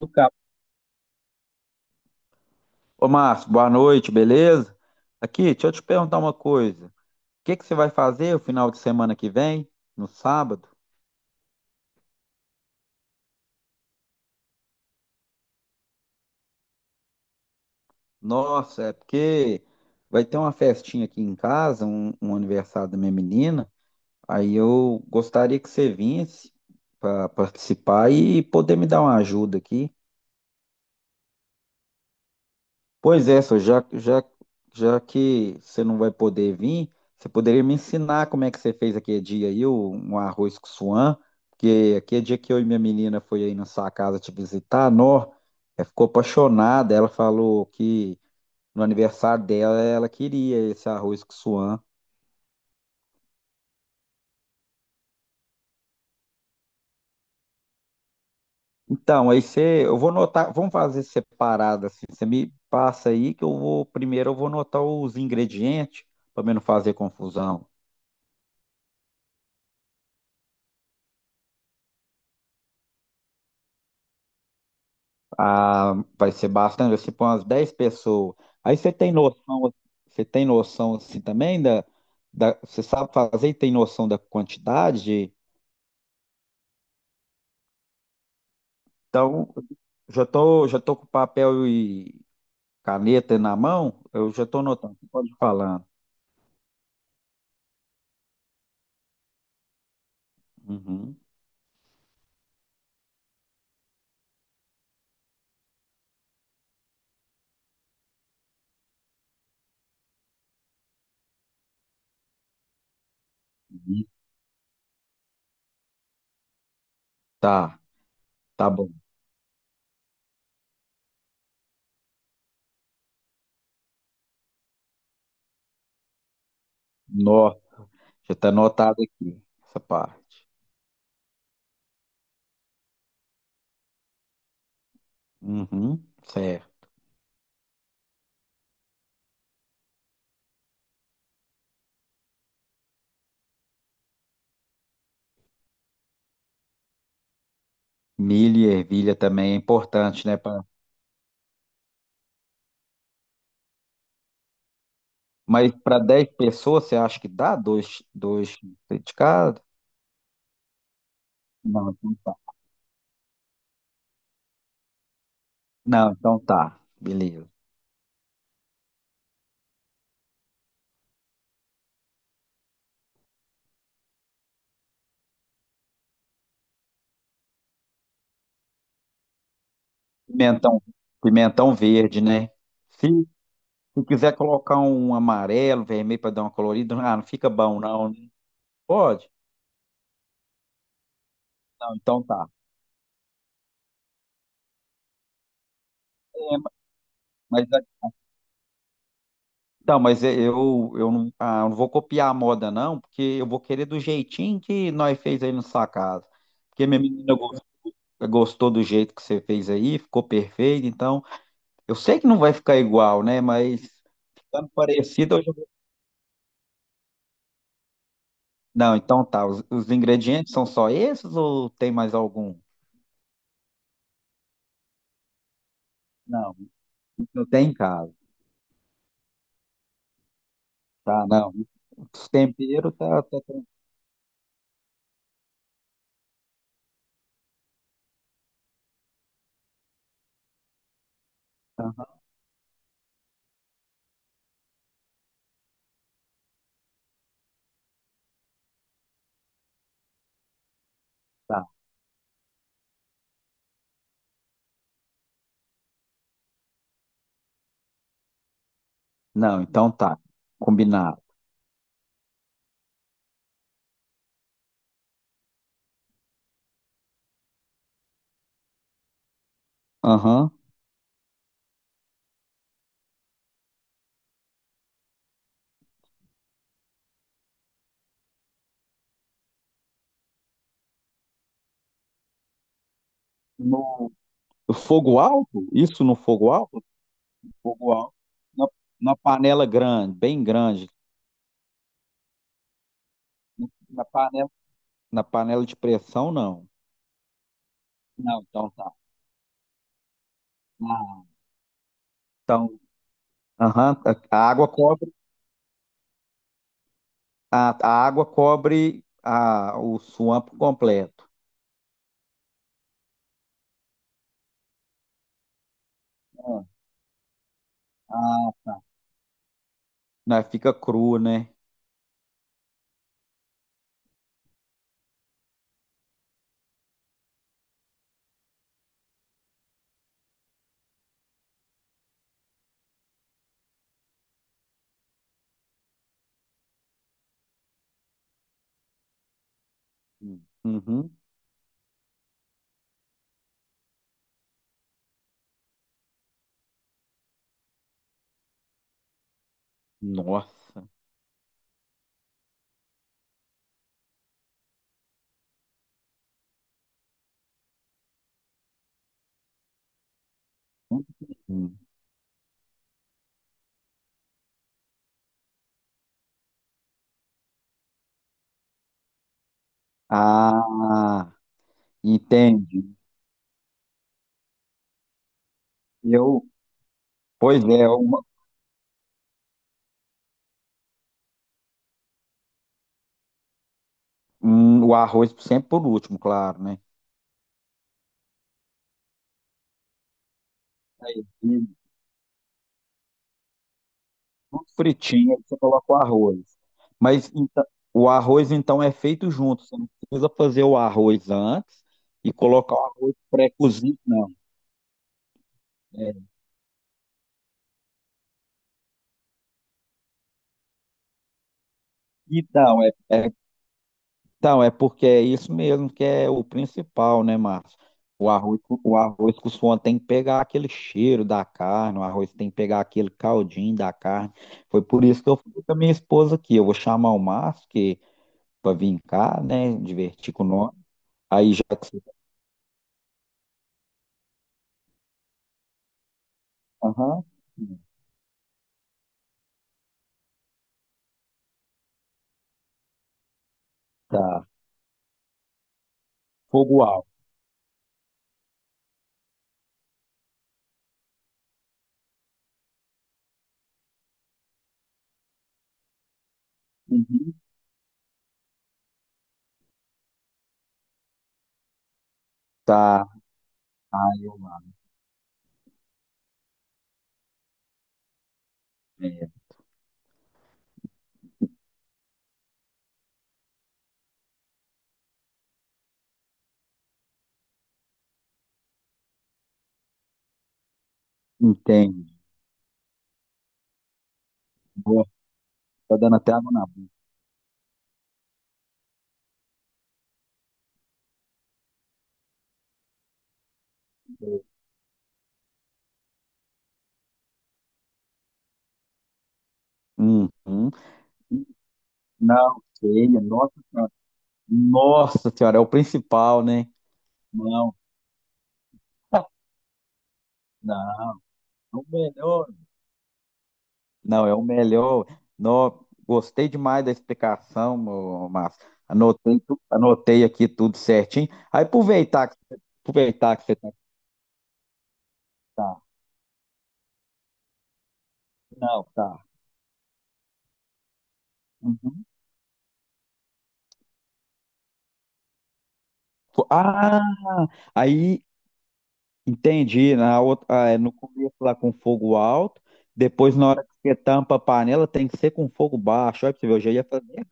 Do Cabo. Ô, Márcio, boa noite, beleza? Aqui, deixa eu te perguntar uma coisa. O que que você vai fazer o final de semana que vem, no sábado? Nossa, é porque vai ter uma festinha aqui em casa, um aniversário da minha menina. Aí eu gostaria que você viesse para participar e poder me dar uma ajuda aqui. Pois é, já que você não vai poder vir, você poderia me ensinar como é que você fez aquele dia aí, um arroz com suã, porque aquele dia que eu e minha menina foi aí na sua casa te visitar, nó, ela ficou apaixonada, ela falou que no aniversário dela ela queria esse arroz com suã. Então, aí você, eu vou anotar, vamos fazer separado assim, você me passa aí que eu vou, primeiro eu vou anotar os ingredientes, para não fazer confusão. Ah, vai ser bastante, vai ser para umas 10 pessoas. Aí você tem noção assim também você sabe fazer e tem noção da quantidade? Então, já tô com papel e caneta na mão, eu já tô anotando, você pode ir falando. Uhum. Uhum. Tá, tá bom. Nó, já tá anotado aqui, essa parte. Uhum, certo. Milho e ervilha também é importante, né? Mas para 10 pessoas, você acha que dá? Dois criticados? Não, então tá. Não, então tá. Beleza. Pimentão, pimentão verde, né? Se quiser colocar um amarelo, vermelho para dar uma colorida, ah, não fica bom, não, né? Pode? Não, então tá. É, mas, é, então, mas é, eu não, ah, eu não vou copiar a moda, não, porque eu vou querer do jeitinho que nós fez aí na sua casa. Porque minha menina gostou do jeito que você fez aí, ficou perfeito, então. Eu sei que não vai ficar igual, né? Mas ficando parecido, não. Então tá. Os ingredientes são só esses ou tem mais algum? Não, isso eu tenho em casa. Tá, não. Os temperos tá, tá. tá. Não, então tá. Combinado. Aham. No no fogo alto? Isso no fogo alto? Fogo alto. Na, na panela grande, bem grande. Na panela, na panela de pressão, não. Não, então tá. Ah, então, aham, a água cobre. A água cobre o swamp completo. Ah, Ah, né, fica cru, né? Hum. Uhum. Nossa. Hum. Ah, entende. Eu, pois é, uma- o arroz sempre por último, claro, né? E tudo fritinho, aí você coloca o arroz. Mas então, o arroz então é feito junto, você não precisa fazer o arroz antes e colocar o arroz pré-cozido, não. É, Então, é, é Então, é porque é isso mesmo que é o principal, né, Márcio? O arroz, o arroz com suã tem que pegar aquele cheiro da carne, o arroz tem que pegar aquele caldinho da carne. Foi por isso que eu fui com a minha esposa aqui. Eu vou chamar o Márcio que, para vir cá, né, divertir com nós. Aí já que você... tá, Aham, tá. Fogo alto. Uhum. Tá. Aí eu lá. É, entende. Nossa, tá dando até água na boca. Uhum. Não, ceia. Nossa, nossa senhora, é o principal, né? Não, não, o melhor. Não, é o melhor. Não, gostei demais da explicação, ô, Márcio. Anotei, anotei aqui tudo certinho. Aproveitar que você tá. Tá. Não, tá. Uhum. Ah, aí entendi. Na outra, ah, é, no começo lá com fogo alto, depois na hora que você tampa a panela tem que ser com fogo baixo. Olha pra você ver, eu já ia fazer.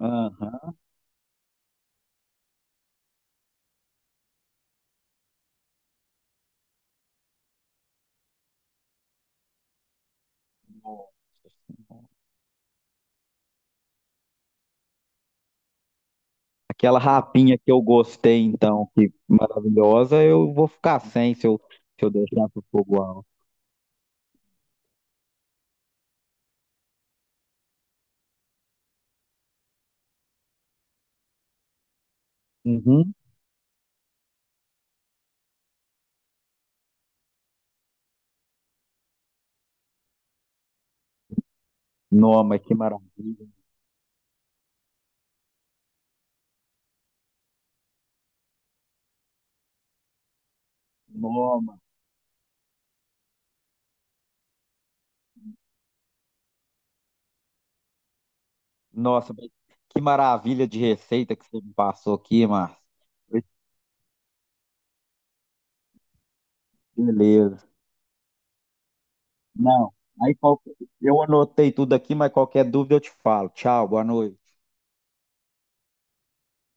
Aham. Aquela rapinha que eu gostei, então, que maravilhosa, eu vou ficar sem se eu, se eu deixar pro fogo alto. Uhum. Noma, que maravilha. Noma. Nossa, mas que maravilha de receita que você me passou aqui, Márcio. Beleza. Não, aí qual- eu anotei tudo aqui, mas qualquer dúvida eu te falo. Tchau, boa noite.